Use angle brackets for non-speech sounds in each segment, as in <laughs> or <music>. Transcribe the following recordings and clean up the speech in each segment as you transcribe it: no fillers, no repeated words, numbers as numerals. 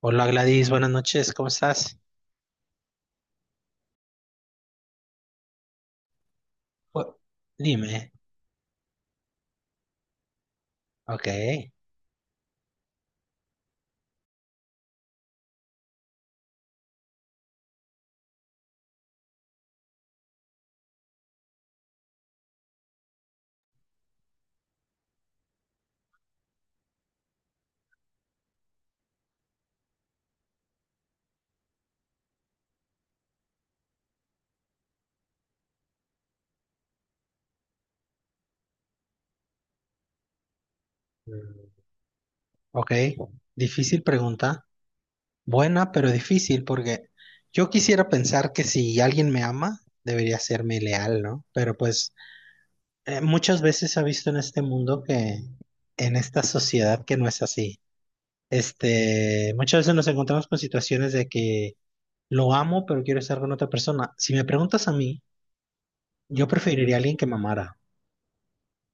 Hola Gladys, buenas noches, ¿cómo estás? Oh, dime. Ok. Mm, ok, difícil pregunta, buena pero difícil porque yo quisiera pensar que si alguien me ama, debería serme leal, ¿no? Pero pues muchas veces se ha visto en este mundo que, en esta sociedad que no es así. Este, muchas veces nos encontramos con situaciones de que lo amo pero quiero estar con otra persona. Si me preguntas a mí, yo preferiría a alguien que me amara.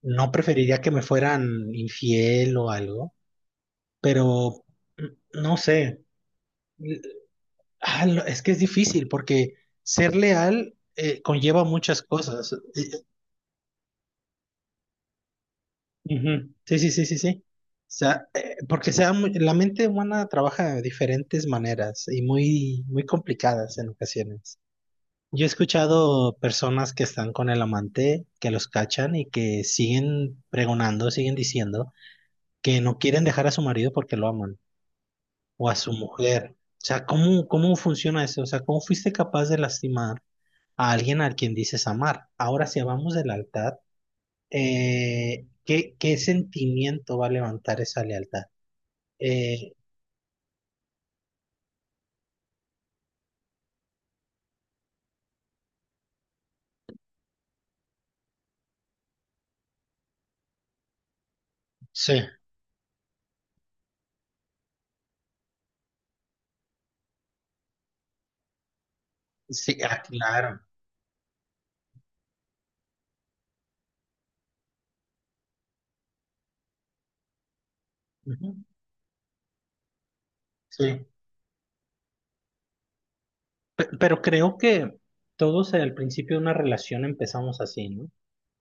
No preferiría que me fueran infiel o algo, pero no sé. L- es que es difícil porque ser leal conlleva muchas cosas. Ujú. Sí, sí, sí, sí, sí. O sea, porque la mente humana trabaja de diferentes maneras y muy, muy complicadas en ocasiones. Yo he escuchado personas que están con el amante, que los cachan y que siguen pregonando, siguen diciendo que no quieren dejar a su marido porque lo aman. O a su mujer. O sea, ¿cómo funciona eso? O sea, ¿cómo fuiste capaz de lastimar a alguien al quien dices amar? Ahora, si hablamos de lealtad, ¿qué sentimiento va a levantar esa lealtad? Eh, sí, sí, ah, claro. Ujú, sí. Pero creo que todos al principio de una relación empezamos así, ¿no? O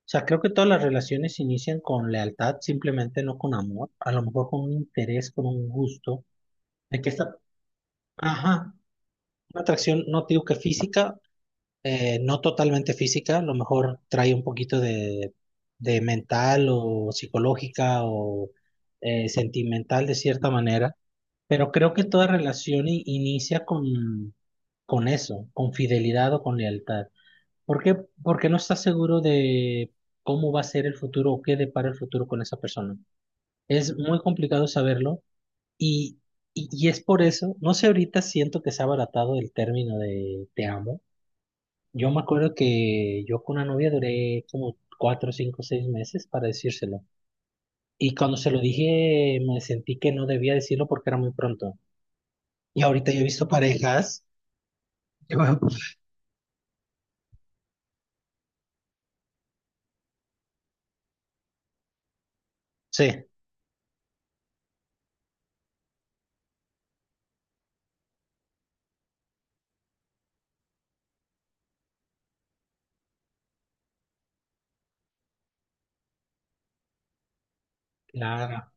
sea, creo que todas las relaciones inician con lealtad, simplemente no con amor, a lo mejor con un interés, con un gusto, de que esta, ajá. Una atracción, no te digo que física, no totalmente física, a lo mejor trae un poquito de mental o psicológica o sentimental de cierta manera, pero creo que toda relación inicia con eso, con fidelidad o con lealtad. ¿Por qué? Porque no estás seguro de cómo va a ser el futuro o qué depara el futuro con esa persona. Es muy complicado saberlo y, y es por eso, no sé, ahorita siento que se ha abaratado el término de te amo. Yo me acuerdo que yo con una novia duré como cuatro, cinco, seis meses para decírselo. Y cuando se lo dije, me sentí que no debía decirlo porque era muy pronto. Y ahorita yo he visto parejas. Que, bueno, sí, claro.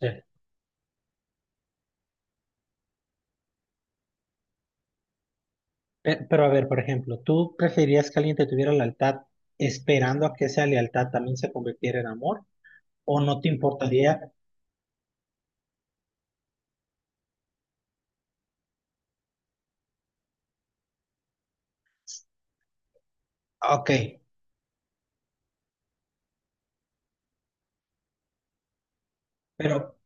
Sí. Pero a ver, por ejemplo, ¿tú preferirías que alguien te tuviera lealtad esperando a que esa lealtad también se convirtiera en amor? ¿O no te importaría? Ok, pero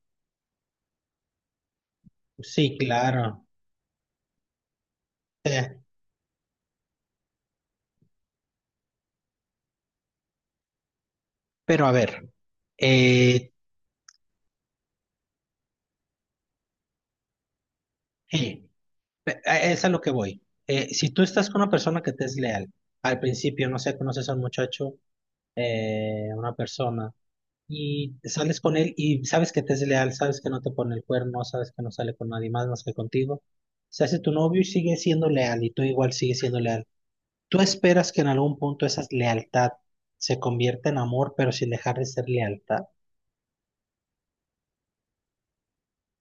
sí, claro. Sí. Pero a ver, eh, sí. Es a lo que voy. Si tú estás con una persona que te es leal, al principio, no sé, conoces a un muchacho, una persona, y sales con él y sabes que te es leal, sabes que no te pone el cuerno, sabes que no sale con nadie más más que contigo, se hace tu novio y sigue siendo leal, y tú igual sigues siendo leal. Tú esperas que en algún punto esa lealtad se convierta en amor, pero sin dejar de ser lealtad.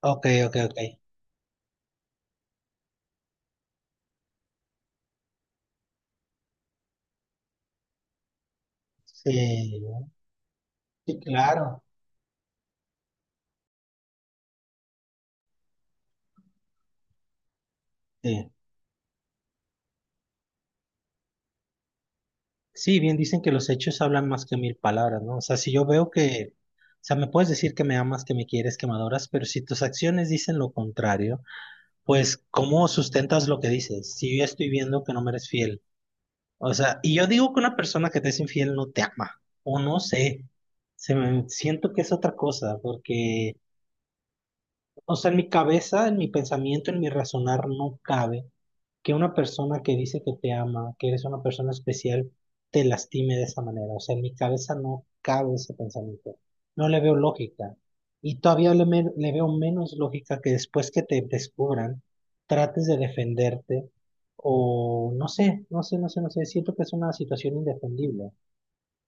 Ok, ok, ok. Sí, sí, claro. Sí. Sí, bien dicen que los hechos hablan más que mil palabras, ¿no? O sea, si yo veo que, o sea, me puedes decir que me amas, que me quieres, que me adoras, pero si tus acciones dicen lo contrario, pues, ¿cómo sustentas lo que dices? Si yo ya estoy viendo que no me eres fiel. O sea, y yo digo que una persona que te es infiel no te ama, o no sé, se me, siento que es otra cosa, porque, o sea, en mi cabeza, en mi pensamiento, en mi razonar no cabe que una persona que dice que te ama, que eres una persona especial, te lastime de esa manera. O sea, en mi cabeza no cabe ese pensamiento. No le veo lógica. Y todavía le veo menos lógica que después que te descubran, trates de defenderte o no sé, no sé, no sé, no sé. Siento que es una situación indefendible.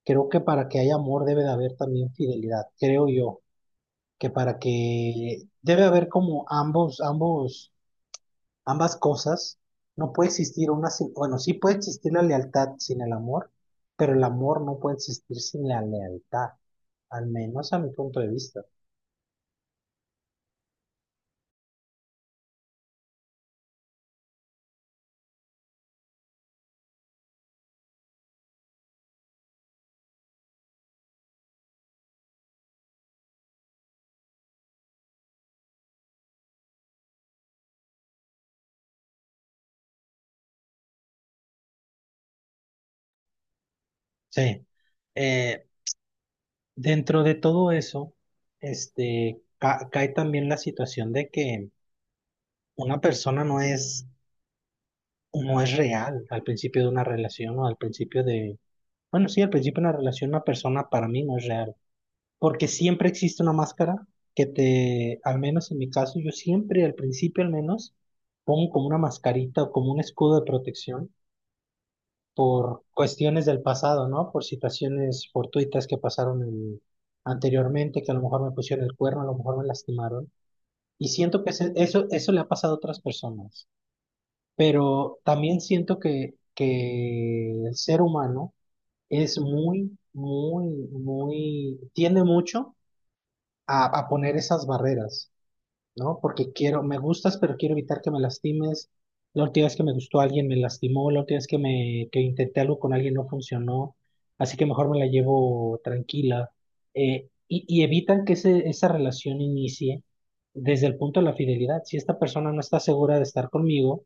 Creo que para que haya amor debe de haber también fidelidad. Creo yo que para que debe haber como ambos ambas cosas, no puede existir una sin, bueno, sí puede existir la lealtad sin el amor, pero el amor no puede existir sin la lealtad, al menos a mi punto de vista. Sí. Eh, dentro de todo eso, este, cae también la situación de que una persona no es real al principio de una relación o al principio de, bueno, sí, al principio de una relación una persona para mí no es real. Porque siempre existe una máscara que te, al menos en mi caso, yo siempre, al principio al menos, pongo como una mascarita o como un escudo de protección por cuestiones del pasado, ¿no? Por situaciones fortuitas que pasaron anteriormente, que a lo mejor me pusieron el cuerno, a lo mejor me lastimaron. Y siento que eso le ha pasado a otras personas, pero también siento que el ser humano es muy, muy, muy, tiende mucho a poner esas barreras, ¿no? Porque quiero, me gustas, pero quiero evitar que me lastimes. La última vez que me gustó alguien me lastimó, la última vez que me que intenté algo con alguien no funcionó, así que mejor me la llevo tranquila. Y evitan que ese, esa relación inicie desde el punto de la fidelidad. Si esta persona no está segura de estar conmigo,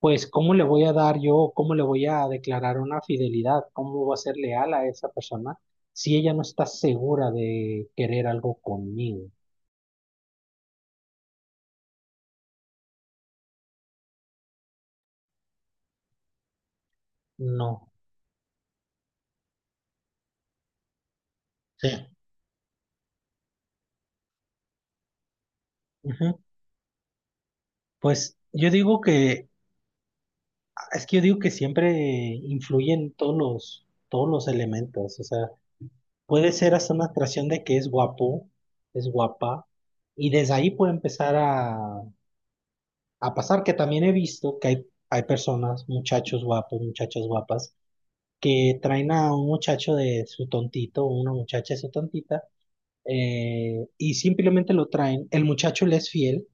pues ¿cómo le voy a dar yo, cómo le voy a declarar una fidelidad? ¿Cómo voy a ser leal a esa persona si ella no está segura de querer algo conmigo? No, sí. Ujú. Pues yo digo que, es que yo digo que siempre influyen todos los elementos, o sea, puede ser hasta una atracción de que es guapo, es guapa, y desde ahí puede empezar a pasar, que también he visto que hay personas, muchachos guapos, muchachas guapas, que traen a un muchacho de su tontito, o una muchacha de su tontita, y simplemente lo traen, el muchacho le es fiel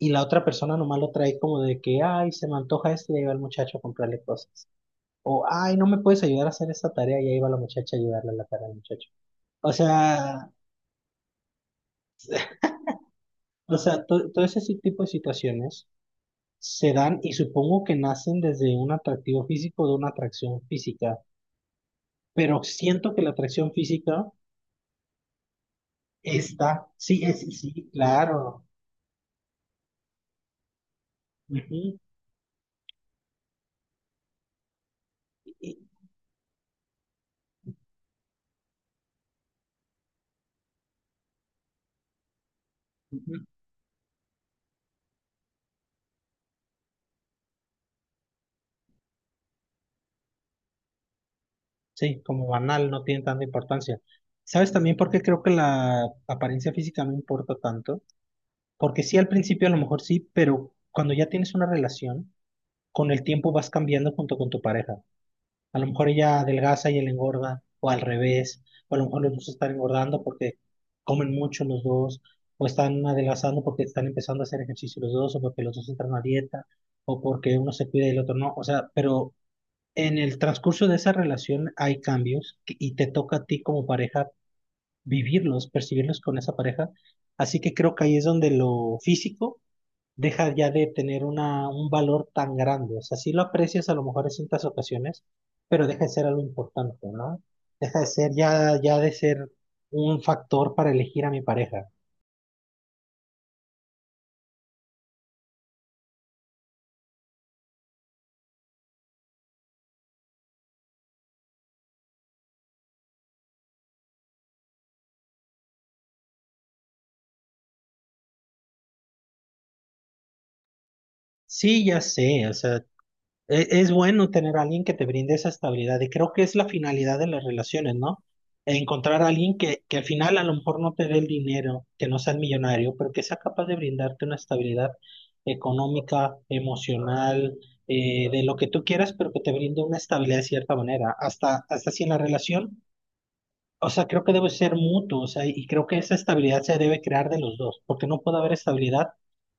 y la otra persona nomás lo trae como de que, ay, se me antoja esto y ahí va el muchacho a comprarle cosas. O, ay, no me puedes ayudar a hacer esta tarea y ahí va la muchacha a ayudarle a la tarea al muchacho. O sea, o sea, todo ese si, tipo de situaciones se dan y supongo que nacen desde un atractivo físico o de una atracción física, pero siento que la atracción física está, sí, es, sí, claro. Ujú. Sí, como banal, no tiene tanta importancia. ¿Sabes también por qué creo que la apariencia física no importa tanto? Porque sí, al principio a lo mejor sí, pero cuando ya tienes una relación, con el tiempo vas cambiando junto con tu pareja. A lo mejor ella adelgaza y él engorda, o al revés, o a lo mejor los dos están engordando porque comen mucho los dos, o están adelgazando porque están empezando a hacer ejercicio los dos, o porque los dos entran a dieta, o porque uno se cuida y el otro no. O sea, pero en el transcurso de esa relación hay cambios y te toca a ti como pareja vivirlos, percibirlos con esa pareja. Así que creo que ahí es donde lo físico deja ya de tener un valor tan grande. O sea, sí lo aprecias a lo mejor en ciertas ocasiones, pero deja de ser algo importante, ¿no? Deja de ser ya de ser un factor para elegir a mi pareja. Sí, ya sé, o sea, es bueno tener a alguien que te brinde esa estabilidad y creo que es la finalidad de las relaciones, ¿no? Encontrar a alguien que al final a lo mejor no te dé el dinero, que no sea el millonario, pero que sea capaz de brindarte una estabilidad económica, emocional, de lo que tú quieras, pero que te brinde una estabilidad de cierta manera. Hasta, hasta si en la relación o sea, creo que debe ser mutuo, o sea, y creo que esa estabilidad se debe crear de los dos, porque no puede haber estabilidad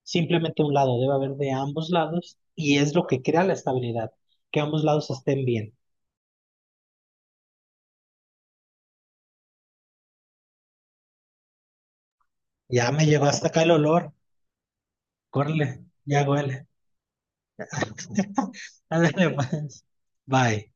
simplemente de un lado, debe haber de ambos lados, y es lo que crea la estabilidad, que ambos lados estén bien. Ya me llegó hasta acá el olor, córrele, ya huele. <laughs> Ándale, pues. Bye.